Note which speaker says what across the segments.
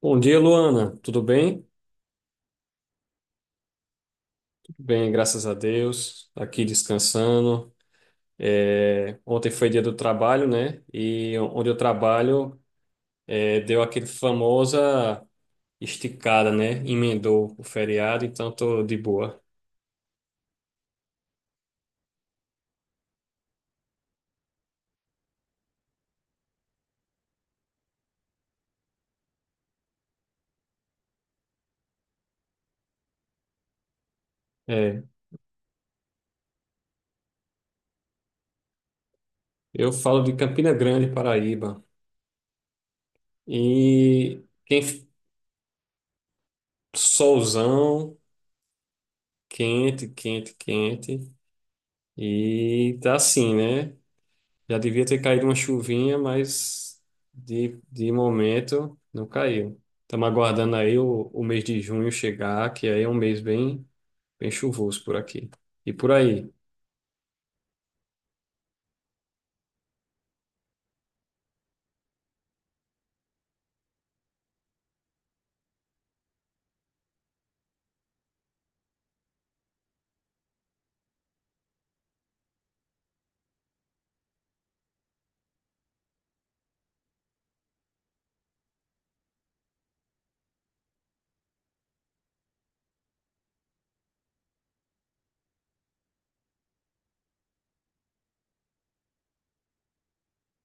Speaker 1: Bom dia, Luana. Tudo bem? Tudo bem, graças a Deus. Aqui descansando. Ontem foi dia do trabalho, né? E onde eu trabalho, deu aquele famosa esticada, né? Emendou o feriado, então tô de boa. É, eu falo de Campina Grande, Paraíba. E quem solzão, quente, quente, quente. E tá assim, né? Já devia ter caído uma chuvinha, mas de momento não caiu. Estamos aguardando aí o mês de junho chegar, que aí é um mês bem, bem chuvoso por aqui. E por aí.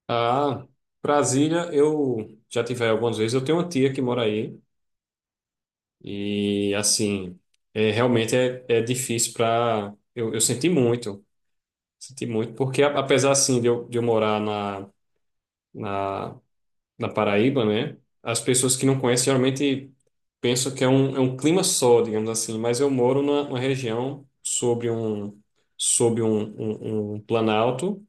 Speaker 1: Ah, Brasília, eu já tive aí algumas vezes. Eu tenho uma tia que mora aí. E assim, realmente é difícil para. Eu senti muito. Senti muito, porque apesar assim de eu morar na, na na Paraíba, né? As pessoas que não conhecem geralmente pensam que é um clima só, digamos assim, mas eu moro numa, numa região sobre um, um planalto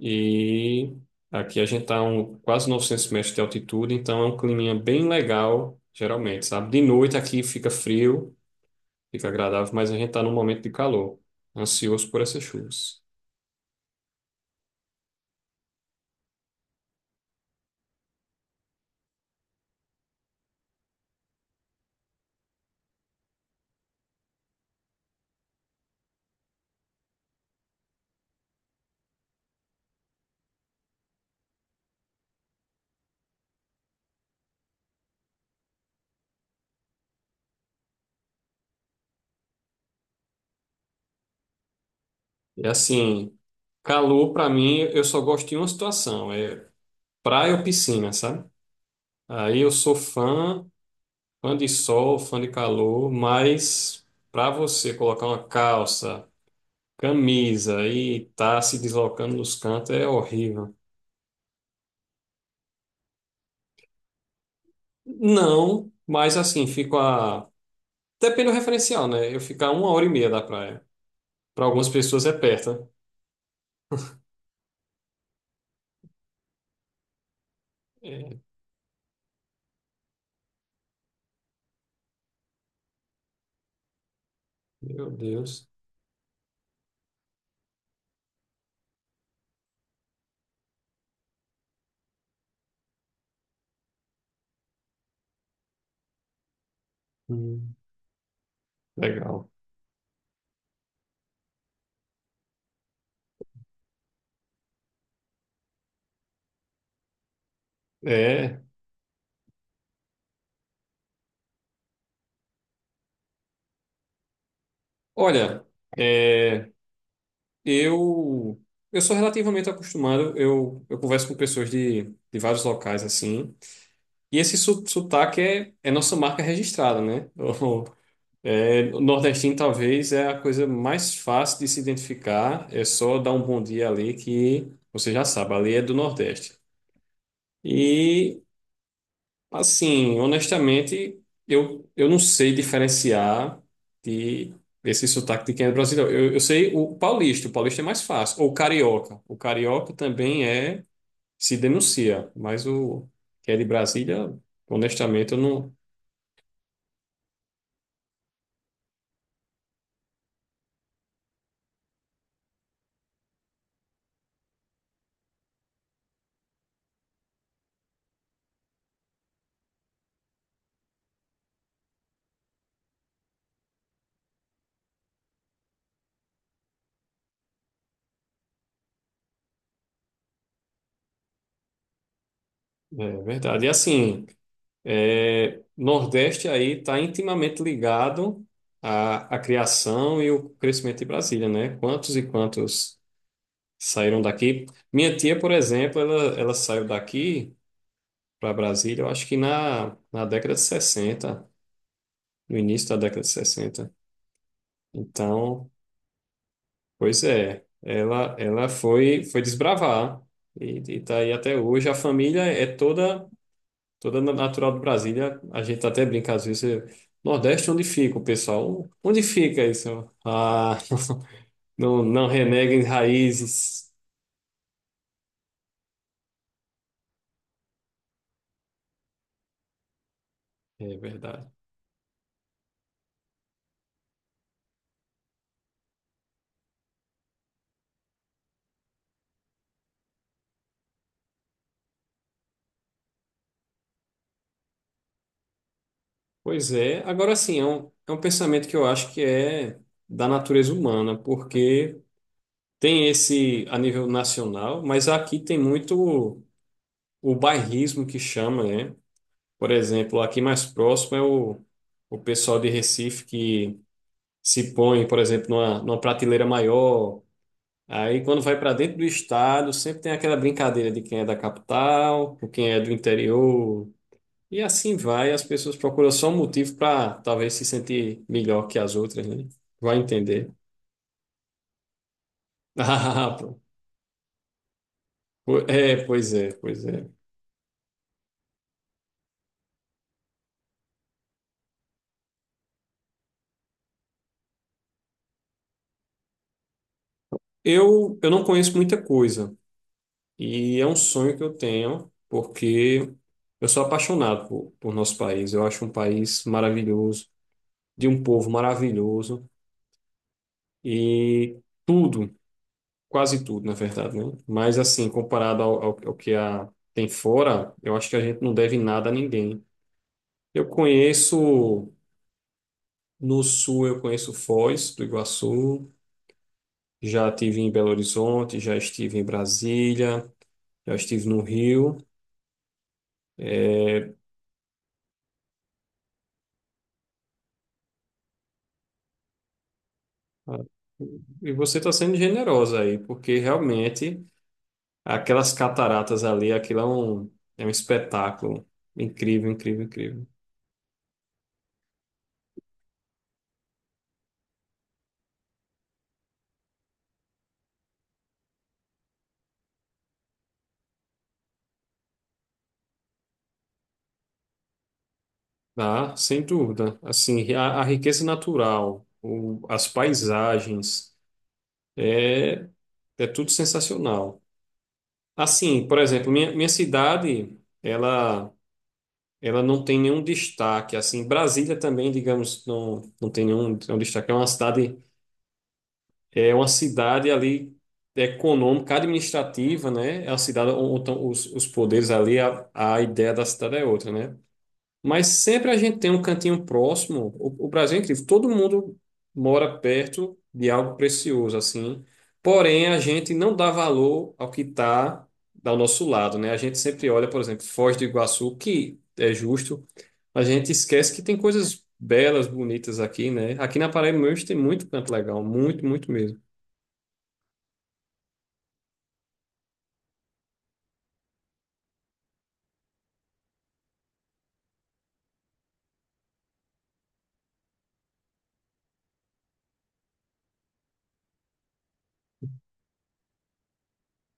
Speaker 1: e aqui a gente está um, quase 900 metros de altitude, então é um climinha bem legal, geralmente, sabe? De noite aqui fica frio, fica agradável, mas a gente está num momento de calor, ansioso por essas chuvas. E assim, calor para mim, eu só gosto de uma situação, é praia ou piscina, sabe? Aí eu sou fã, fã de sol, fã de calor, mas para você colocar uma calça, camisa e tá se deslocando nos cantos é horrível. Não, mas assim, fico a. Depende do referencial, né? Eu fico a uma hora e meia da praia. Para algumas pessoas é perto. Né? É, meu Deus. Hum, legal. É. Olha, é, eu eu sou relativamente acostumado. Eu converso com pessoas de vários locais assim. E esse sotaque é nossa marca registrada, né? O, É, o nordestino talvez é a coisa mais fácil de se identificar. É só dar um bom dia ali que você já sabe, ali é do Nordeste. E, assim, honestamente, eu não sei diferenciar de esse sotaque de quem é brasileiro. Eu sei o paulista é mais fácil. Ou o carioca. O carioca também se denuncia, mas o que é de Brasília... Honestamente, eu não, é verdade. E assim, é, Nordeste aí está intimamente ligado à, à criação e o crescimento de Brasília, né? Quantos e quantos saíram daqui? Minha tia, por exemplo, ela saiu daqui para Brasília, eu acho que na, na década de 60, no início da década de 60. Então, pois é, ela foi desbravar e está aí até hoje. A família é toda. Toda natural de Brasília, a gente tá até brinca às vezes. Nordeste, onde fica o pessoal? Onde fica isso? Ah, não, não reneguem raízes. É verdade. Pois é. Agora sim, é um pensamento que eu acho que é da natureza humana, porque tem esse a nível nacional, mas aqui tem muito o bairrismo que chama, né? Por exemplo, aqui mais próximo é o pessoal de Recife que se põe, por exemplo, numa, numa prateleira maior. Aí, quando vai para dentro do estado, sempre tem aquela brincadeira de quem é da capital, com quem é do interior, e assim vai. As pessoas procuram só um motivo para talvez se sentir melhor que as outras, né? Vai entender. Ah, pô. É, pois é, pois é. Eu não conheço muita coisa, e é um sonho que eu tenho, porque eu sou apaixonado por nosso país. Eu acho um país maravilhoso, de um povo maravilhoso, e. Tudo, quase tudo, na verdade, né? Mas assim, comparado ao que a, tem fora, eu acho que a gente não deve nada a ninguém. Eu conheço no sul, eu conheço Foz do Iguaçu, já estive em Belo Horizonte, já estive em Brasília, já estive no Rio. É, e você está sendo generosa aí, porque realmente aquelas cataratas ali, aquilo é um espetáculo incrível, incrível, incrível. Ah, sem dúvida. Assim, a riqueza natural, as paisagens, é, é tudo sensacional. Assim, por exemplo, minha cidade, ela não tem nenhum destaque. Assim, Brasília também, digamos, não, não tem nenhum, nenhum destaque. É uma cidade ali econômica, administrativa, né? É uma cidade onde os poderes ali, a ideia da cidade é outra, né? Mas sempre a gente tem um cantinho próximo. O Brasil é incrível. Todo mundo mora perto de algo precioso, assim. Porém, a gente não dá valor ao que está ao nosso lado, né? A gente sempre olha, por exemplo, Foz do Iguaçu, que é justo. A gente esquece que tem coisas belas, bonitas aqui, né? Aqui na Paraíba mesmo tem muito canto legal. Muito, muito mesmo.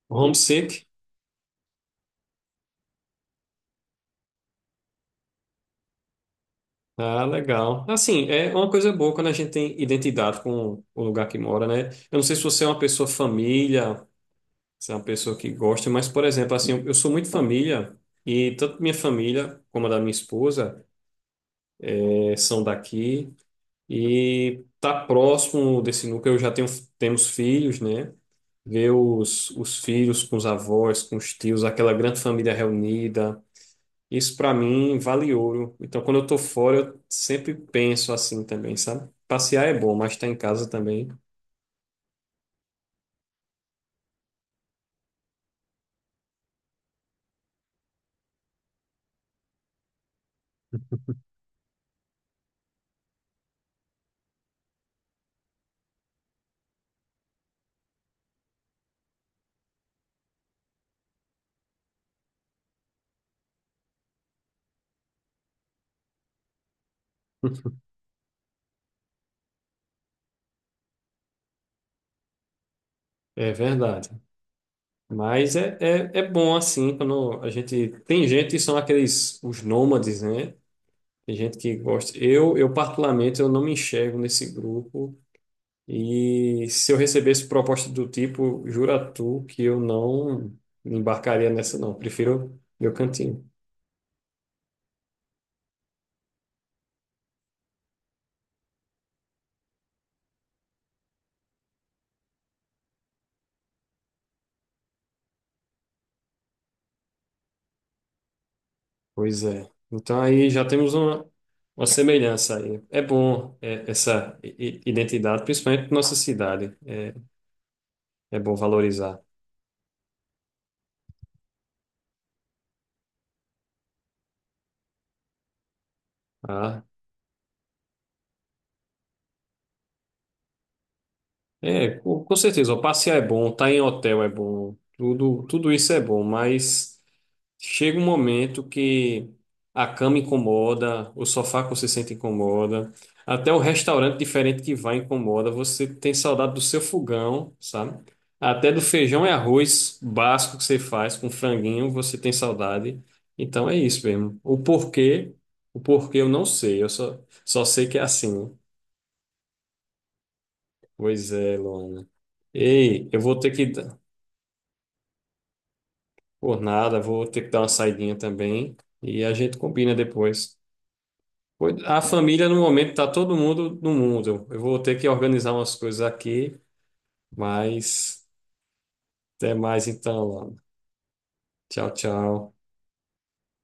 Speaker 1: Homesick. Ah, legal. Assim, é uma coisa boa quando a gente tem identidade com o lugar que mora, né? Eu não sei se você é uma pessoa família, você é uma pessoa que gosta, mas, por exemplo, assim, eu sou muito família, e tanto minha família como a da minha esposa são daqui, e tá próximo desse núcleo, temos filhos, né? Ver os filhos com os avós, com os tios, aquela grande família reunida, isso para mim vale ouro. Então, quando eu tô fora, eu sempre penso assim também, sabe? Passear é bom, mas estar em casa também. É verdade. Mas é bom assim, quando a gente. Tem gente que são aqueles, os nômades, né? Tem gente que gosta. Eu particularmente, eu não me enxergo nesse grupo. E se eu recebesse proposta do tipo, jura tu que eu não me embarcaria nessa, não. Prefiro meu cantinho. Pois é. Então aí já temos uma semelhança aí. É bom é, essa identidade, principalmente na nossa cidade. É, é bom valorizar. Tá? É, com certeza, ó, passear é bom, estar em hotel é bom, tudo, tudo isso é bom, mas chega um momento que a cama incomoda, o sofá que você sente incomoda, até o restaurante diferente que vai incomoda, você tem saudade do seu fogão, sabe? Até do feijão e arroz básico que você faz com franguinho, você tem saudade. Então é isso mesmo. O porquê eu não sei, só sei que é assim. Né? Pois é, Luana. Ei, eu vou ter que. Por nada, vou ter que dar uma saidinha também. E a gente combina depois. A família, no momento, tá todo mundo no mundo. Eu vou ter que organizar umas coisas aqui, mas até mais então, Luana. Tchau, tchau.